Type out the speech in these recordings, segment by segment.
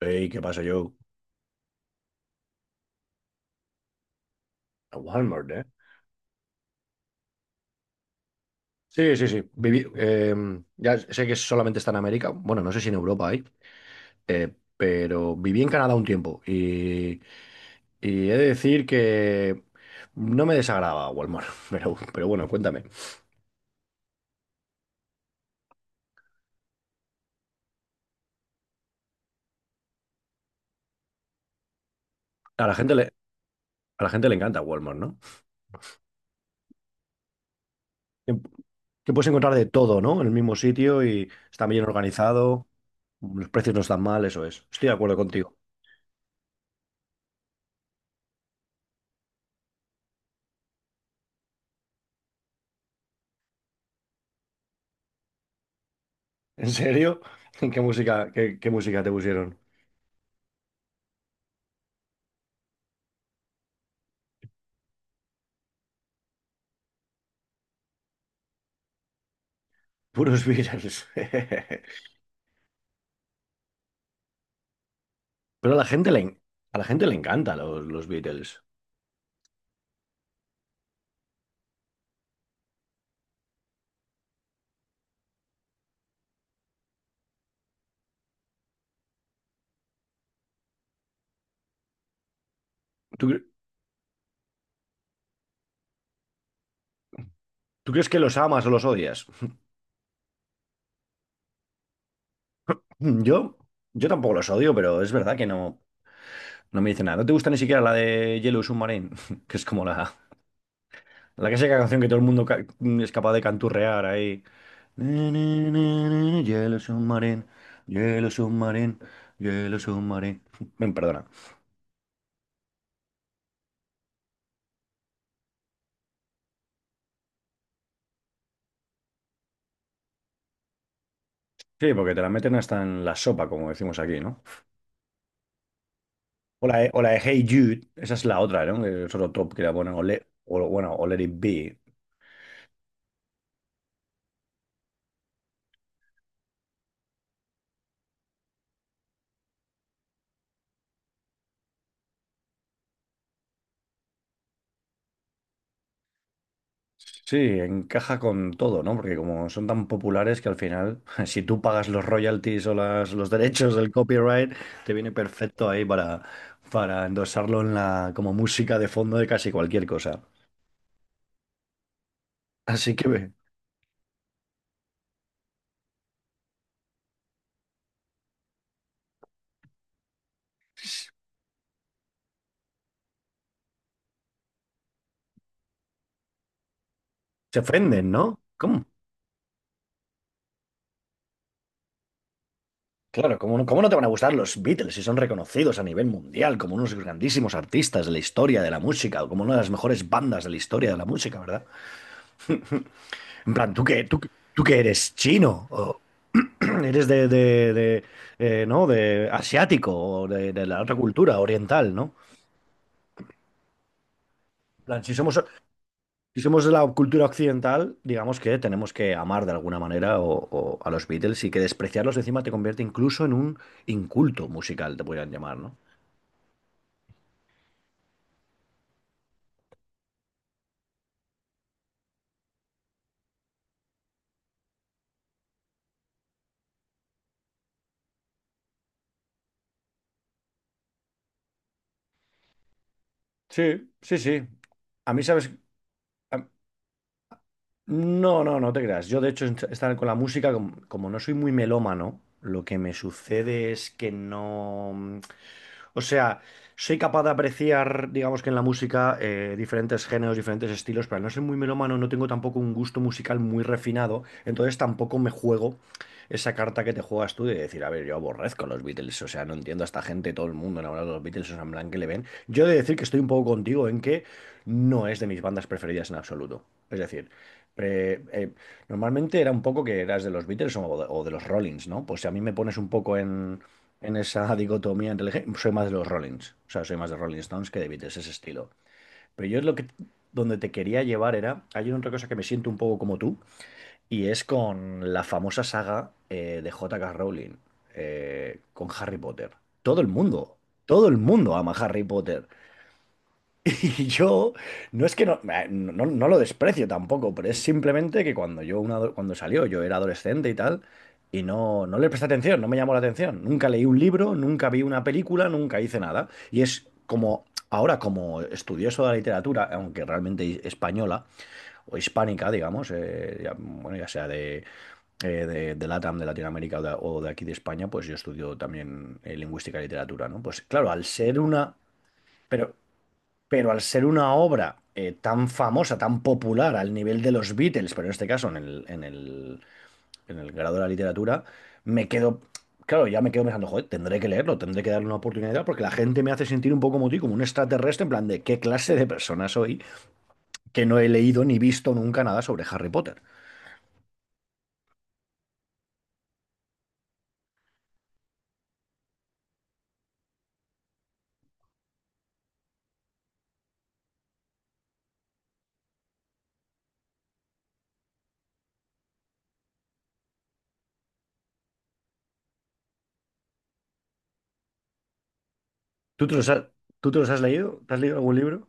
Ey, ¿qué pasa, Joe? A Walmart, ¿eh? Sí, sí, sí. Ya sé que solamente está en América. Bueno, no sé si en Europa hay. Pero viví en Canadá un tiempo. Y he de decir que no me desagrada Walmart. Pero bueno, cuéntame. A la gente le, a la gente le encanta Walmart, ¿no? Que, que puedes encontrar de todo, ¿no? En el mismo sitio y está bien organizado. Los precios no están mal, eso es. Estoy de acuerdo contigo. ¿En serio? ¿ qué música te pusieron? Puros Beatles. Pero a la gente le, en- a la gente le encanta los Beatles. ¿Tú, cre- Tú crees que los amas o los odias? Mm, Yo, yo tampoco los odio, pero es verdad que no me dice nada. ¿No te gusta ni siquiera la de Yellow Submarine? Que es como La clásica canción que todo el mundo es capaz de canturrear ahí. Na, na, na, na, na, Yellow Submarine, Yellow Submarine, Yellow Submarine. Ven, perdona. Sí, porque te la meten hasta en la sopa, como decimos aquí, ¿no? O la de Hey Jude, esa es la otra, ¿no? Que es otro top que la ponen, bueno, o Let It Be. Sí, encaja con todo, ¿no? Porque como son tan populares que al final, si tú pagas los royalties o los derechos del copyright, te viene perfecto ahí para endosarlo en como música de fondo de casi cualquier cosa. Así que ve, se ofenden, ¿no? ¿Cómo? Claro, ¿ cómo no te van a gustar los Beatles si son reconocidos a nivel mundial como unos grandísimos artistas de la historia de la música o como una de las mejores bandas de la historia de la música, ¿verdad? En plan, ¿ tú qué eres chino? ¿O eres de, ¿no? de asiático o de la otra cultura oriental, ¿no? En plan, si somos de la cultura occidental, digamos que tenemos que amar de alguna manera o a los Beatles y que despreciarlos encima te convierte incluso en un inculto musical, te podrían llamar, ¿no? Sí, sí, sí. ¿A mí, sabes? A, no, no, No te creas. Yo, de hecho, est- estar con la música, com- como, No soy muy melómano, lo que me sucede es que no. mm, O sea, soy capaz de apreciar, digamos que en la música, diferentes géneros, diferentes estilos, pero al no soy muy melómano, no tengo tampoco un gusto musical muy refinado, entonces tampoco me juego esa carta que te juegas tú de decir, a ver, yo aborrezco a los Beatles, o sea, no entiendo a esta gente, todo el mundo enamorado de los Beatles, o sea, en plan que le ven. Yo he de decir que estoy un poco contigo en que no es de mis bandas preferidas en absoluto. Es decir, eh, eh, normalmente era un poco que eras de los Beatles o de los Rollins, ¿no? Pues si a mí me pones un poco en esa dicotomía entre el gé- soy más de los Rollins, o sea, soy más de Rolling Stones que de Beatles, ese estilo. Pero yo lo que donde te quería llevar era, hay otra cosa que me siento un poco como tú, y es con la famosa saga de J.K. Rowling, con Harry Potter. Todo el mundo, Todo el mundo ama Harry Potter. Y yo, no es que no, no lo desprecio tampoco, pero es simplemente que cuando salió, yo era adolescente y tal, y no le presté atención, no me llamó la atención. Nunca leí un libro, nunca vi una película, nunca hice nada. Y es como, ahora como estudioso de la literatura, aunque realmente española o hispánica, digamos, bueno, ya sea de LATAM, de Latinoamérica o de aquí de España, pues yo estudio también lingüística y literatura, ¿no? Pues claro, al ser una... Pero pero al ser una obra tan famosa, tan popular al nivel de los Beatles, pero en este caso en el grado de la literatura, me quedo, claro, ya me quedo pensando, joder, tendré que leerlo, tendré que darle una oportunidad porque la gente me hace sentir un poco como ti, como un extraterrestre, en plan de qué clase de persona soy que no he leído ni visto nunca nada sobre Harry Potter. ¿Tú te los has, Tú te los has leído? ¿Te has leído algún libro?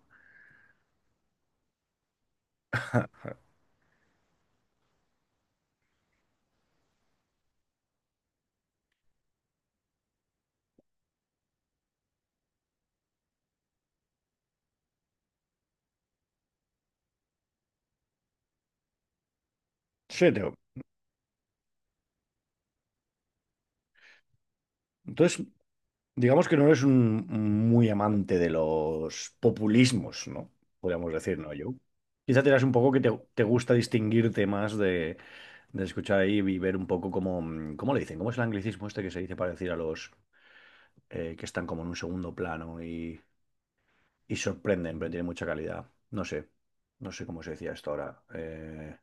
Sí, Teo. Entonces, digamos que no eres un muy amante de los populismos, ¿no? Podríamos decir, ¿no, Joe? Quizá te das un poco que te gusta distinguirte más de escuchar ahí y ver un poco cómo, cómo le dicen, cómo es el anglicismo este que se dice para decir a los que están como en un segundo plano y sorprenden, pero tienen mucha calidad. No sé cómo se decía esto ahora. Eh,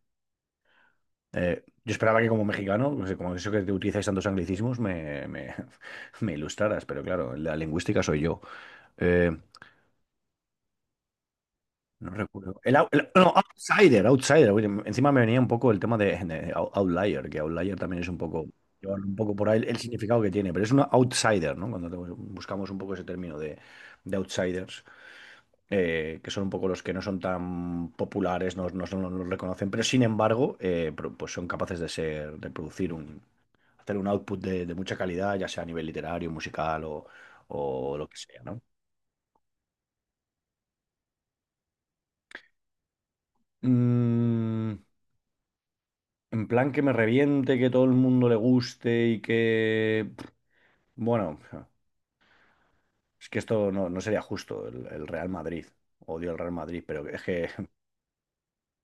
eh, Yo esperaba que como mexicano, no sé, como eso que te utilizáis tantos anglicismos, me ilustraras, pero claro, la lingüística soy yo. Eh, No recuerdo. El, ou- el- no, Outsider, Outsider. Oye, encima me venía un poco el tema de Outlier, que Outlier también es un poco, llevar un poco por ahí el significado que tiene, pero es una Outsider, ¿no? Cuando te- buscamos un poco ese término de Outsiders, que son un poco los que no son tan populares, no los reconocen, pero sin embargo, pues son capaces de ser, de producir hacer un output de mucha calidad, ya sea a nivel literario, musical o lo que sea, ¿no? Mm, En plan que me reviente, que todo el mundo le guste y que... pff, bueno, es que esto no sería justo, el Real Madrid. Odio el Real Madrid, pero es que...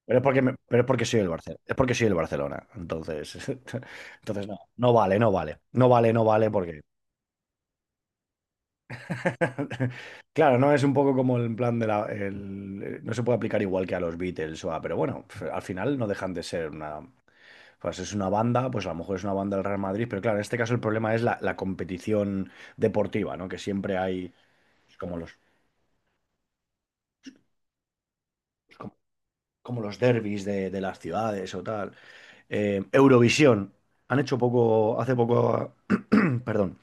Pero es porque soy el Barcelona. Es porque soy el Barcelona. Entonces, entonces no vale. No vale, no vale porque... Claro, no es un poco como el plan de la... no se puede aplicar igual que a los Beatles o a... Pero bueno, al final no dejan de ser una... Pues es una banda, pues a lo mejor es una banda del Real Madrid, pero claro, en este caso el problema es la competición deportiva, ¿no? Que siempre hay pues, como los, pues, como, como los derbis de las ciudades o tal. Eurovisión. Hace poco, perdón,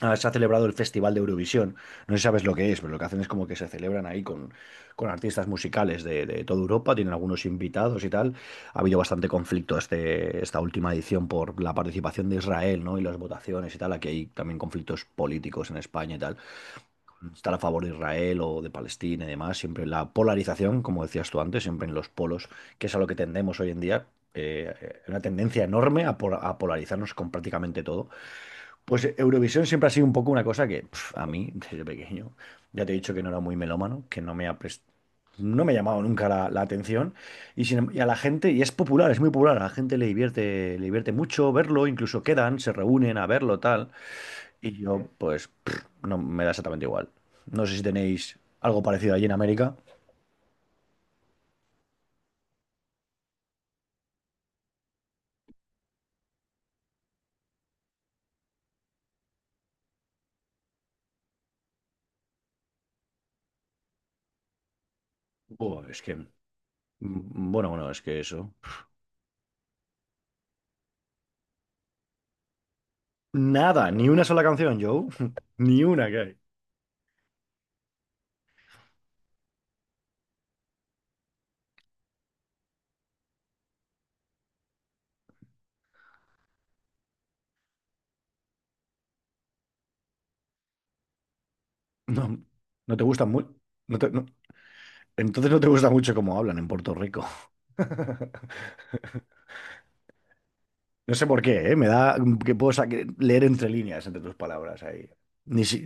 ah, se ha celebrado el Festival de Eurovisión. No sé si sabes lo que es, pero lo que hacen es como que se celebran ahí con artistas musicales de toda Europa, tienen algunos invitados y tal. Ha habido bastante conflicto este, esta última edición por la participación de Israel, ¿no? Y las votaciones y tal. Aquí hay también conflictos políticos en España y tal. Estar a favor de Israel o de Palestina y demás. Siempre la polarización, como decías tú antes, siempre en los polos, que es a lo que tendemos hoy en día. Una tendencia enorme a polarizarnos con prácticamente todo. Pues Eurovisión siempre ha sido un poco una cosa que pf, a mí, desde pequeño, ya te he dicho que no era muy melómano, que no me ha pres- no me ha llamado nunca la atención. Y, sin em- Y a la gente, y es popular, es muy popular, a la gente le divierte mucho verlo, incluso quedan, se reúnen a verlo, tal. Y yo, pues, pf, no me da exactamente igual. No sé si tenéis algo parecido allí en América. Buah, es que, mm, bueno, Bueno, es que eso. Nada, ni una sola canción, Joe. Ni una que hay. No, no te gustan mucho. Entonces no te gusta mucho cómo hablan en Puerto Rico. No sé por qué, ¿eh? Me da que puedo sa- que leer entre líneas, entre tus palabras ahí. Ni, si-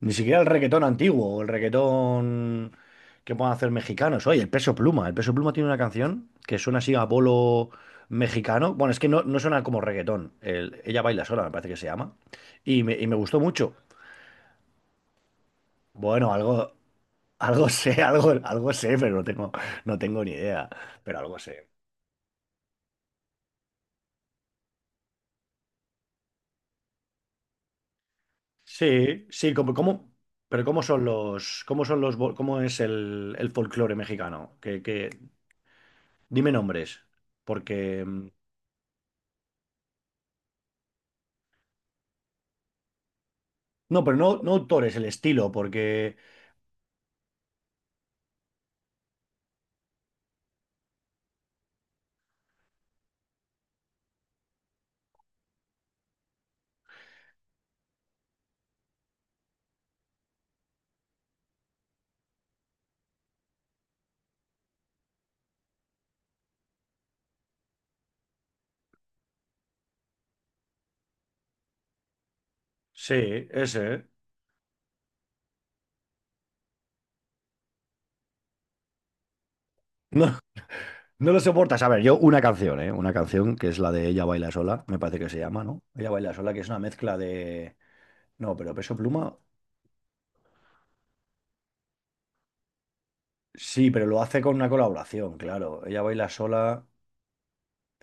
Ni siquiera el reggaetón antiguo o el reggaetón que puedan hacer mexicanos. Oye, el Peso Pluma. El Peso Pluma tiene una canción que suena así a polo mexicano. Bueno, es que no suena como reggaetón. El- ella baila sola, me parece que se llama. Y me gustó mucho. Bueno, algo sé, algo sé, pero no tengo ni idea. Pero algo sé. Sí, sí, como, como, pero ¿cómo son los, cómo es el folclore mexicano? Dime nombres, porque no, pero no, no autores, el estilo, porque sí, ese, no, no lo soportas. A ver, yo una canción, ¿eh? Una canción que es la de Ella baila sola, me parece que se llama, ¿no? Ella baila sola, que es una mezcla de, no, pero Peso Pluma, sí, pero lo hace con una colaboración, claro. Ella baila sola,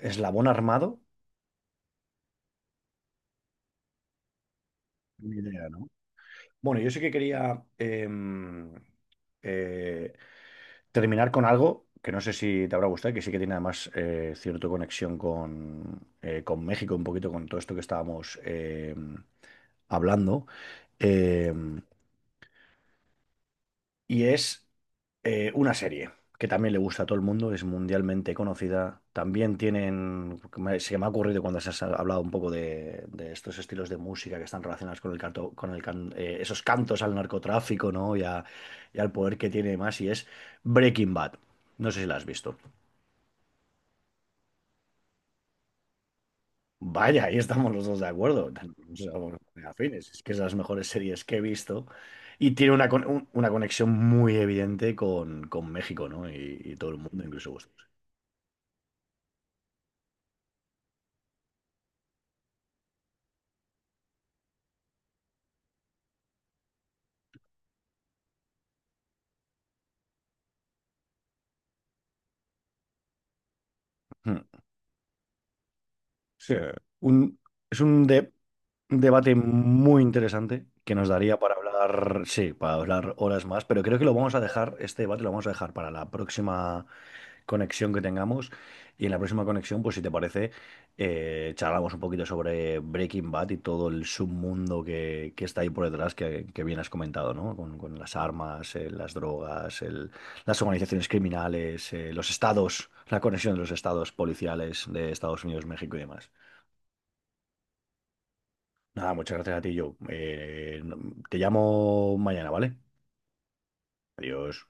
¿Eslabón Armado? Ni idea, ¿no? Bueno, yo sí que quería eh, terminar con algo que no sé si te habrá gustado, que sí que tiene además cierta conexión con México, un poquito con todo esto que estábamos hablando. Em, y es una serie que también le gusta a todo el mundo, es mundialmente conocida. También tienen, se me ha ocurrido cuando se ha hablado un poco de estos estilos de música que están relacionados con el canto, esos cantos al narcotráfico, ¿no? Y al poder que tiene más, y es Breaking Bad. No sé si la has visto. Vaya, ahí estamos los dos de acuerdo. Somos muy afines. Es que es de las mejores series que he visto. Y tiene una conexión muy evidente con México, ¿no? Y todo el mundo, incluso vosotros. Mm. Sí, un- es un, de- un debate muy interesante que nos daría para hablar, sí, para hablar horas más, pero creo que lo vamos a dejar, este debate lo vamos a dejar para la próxima, conexión que tengamos. Y en la próxima conexión, pues si te parece, charlamos un poquito sobre Breaking Bad y todo el submundo que está ahí por detrás, que bien has comentado, ¿no? Con las armas, las drogas, las organizaciones criminales, los estados, la conexión de los estados policiales de Estados Unidos, México y demás. Nada, muchas gracias a ti, Joe. Te llamo mañana, ¿vale? Adiós.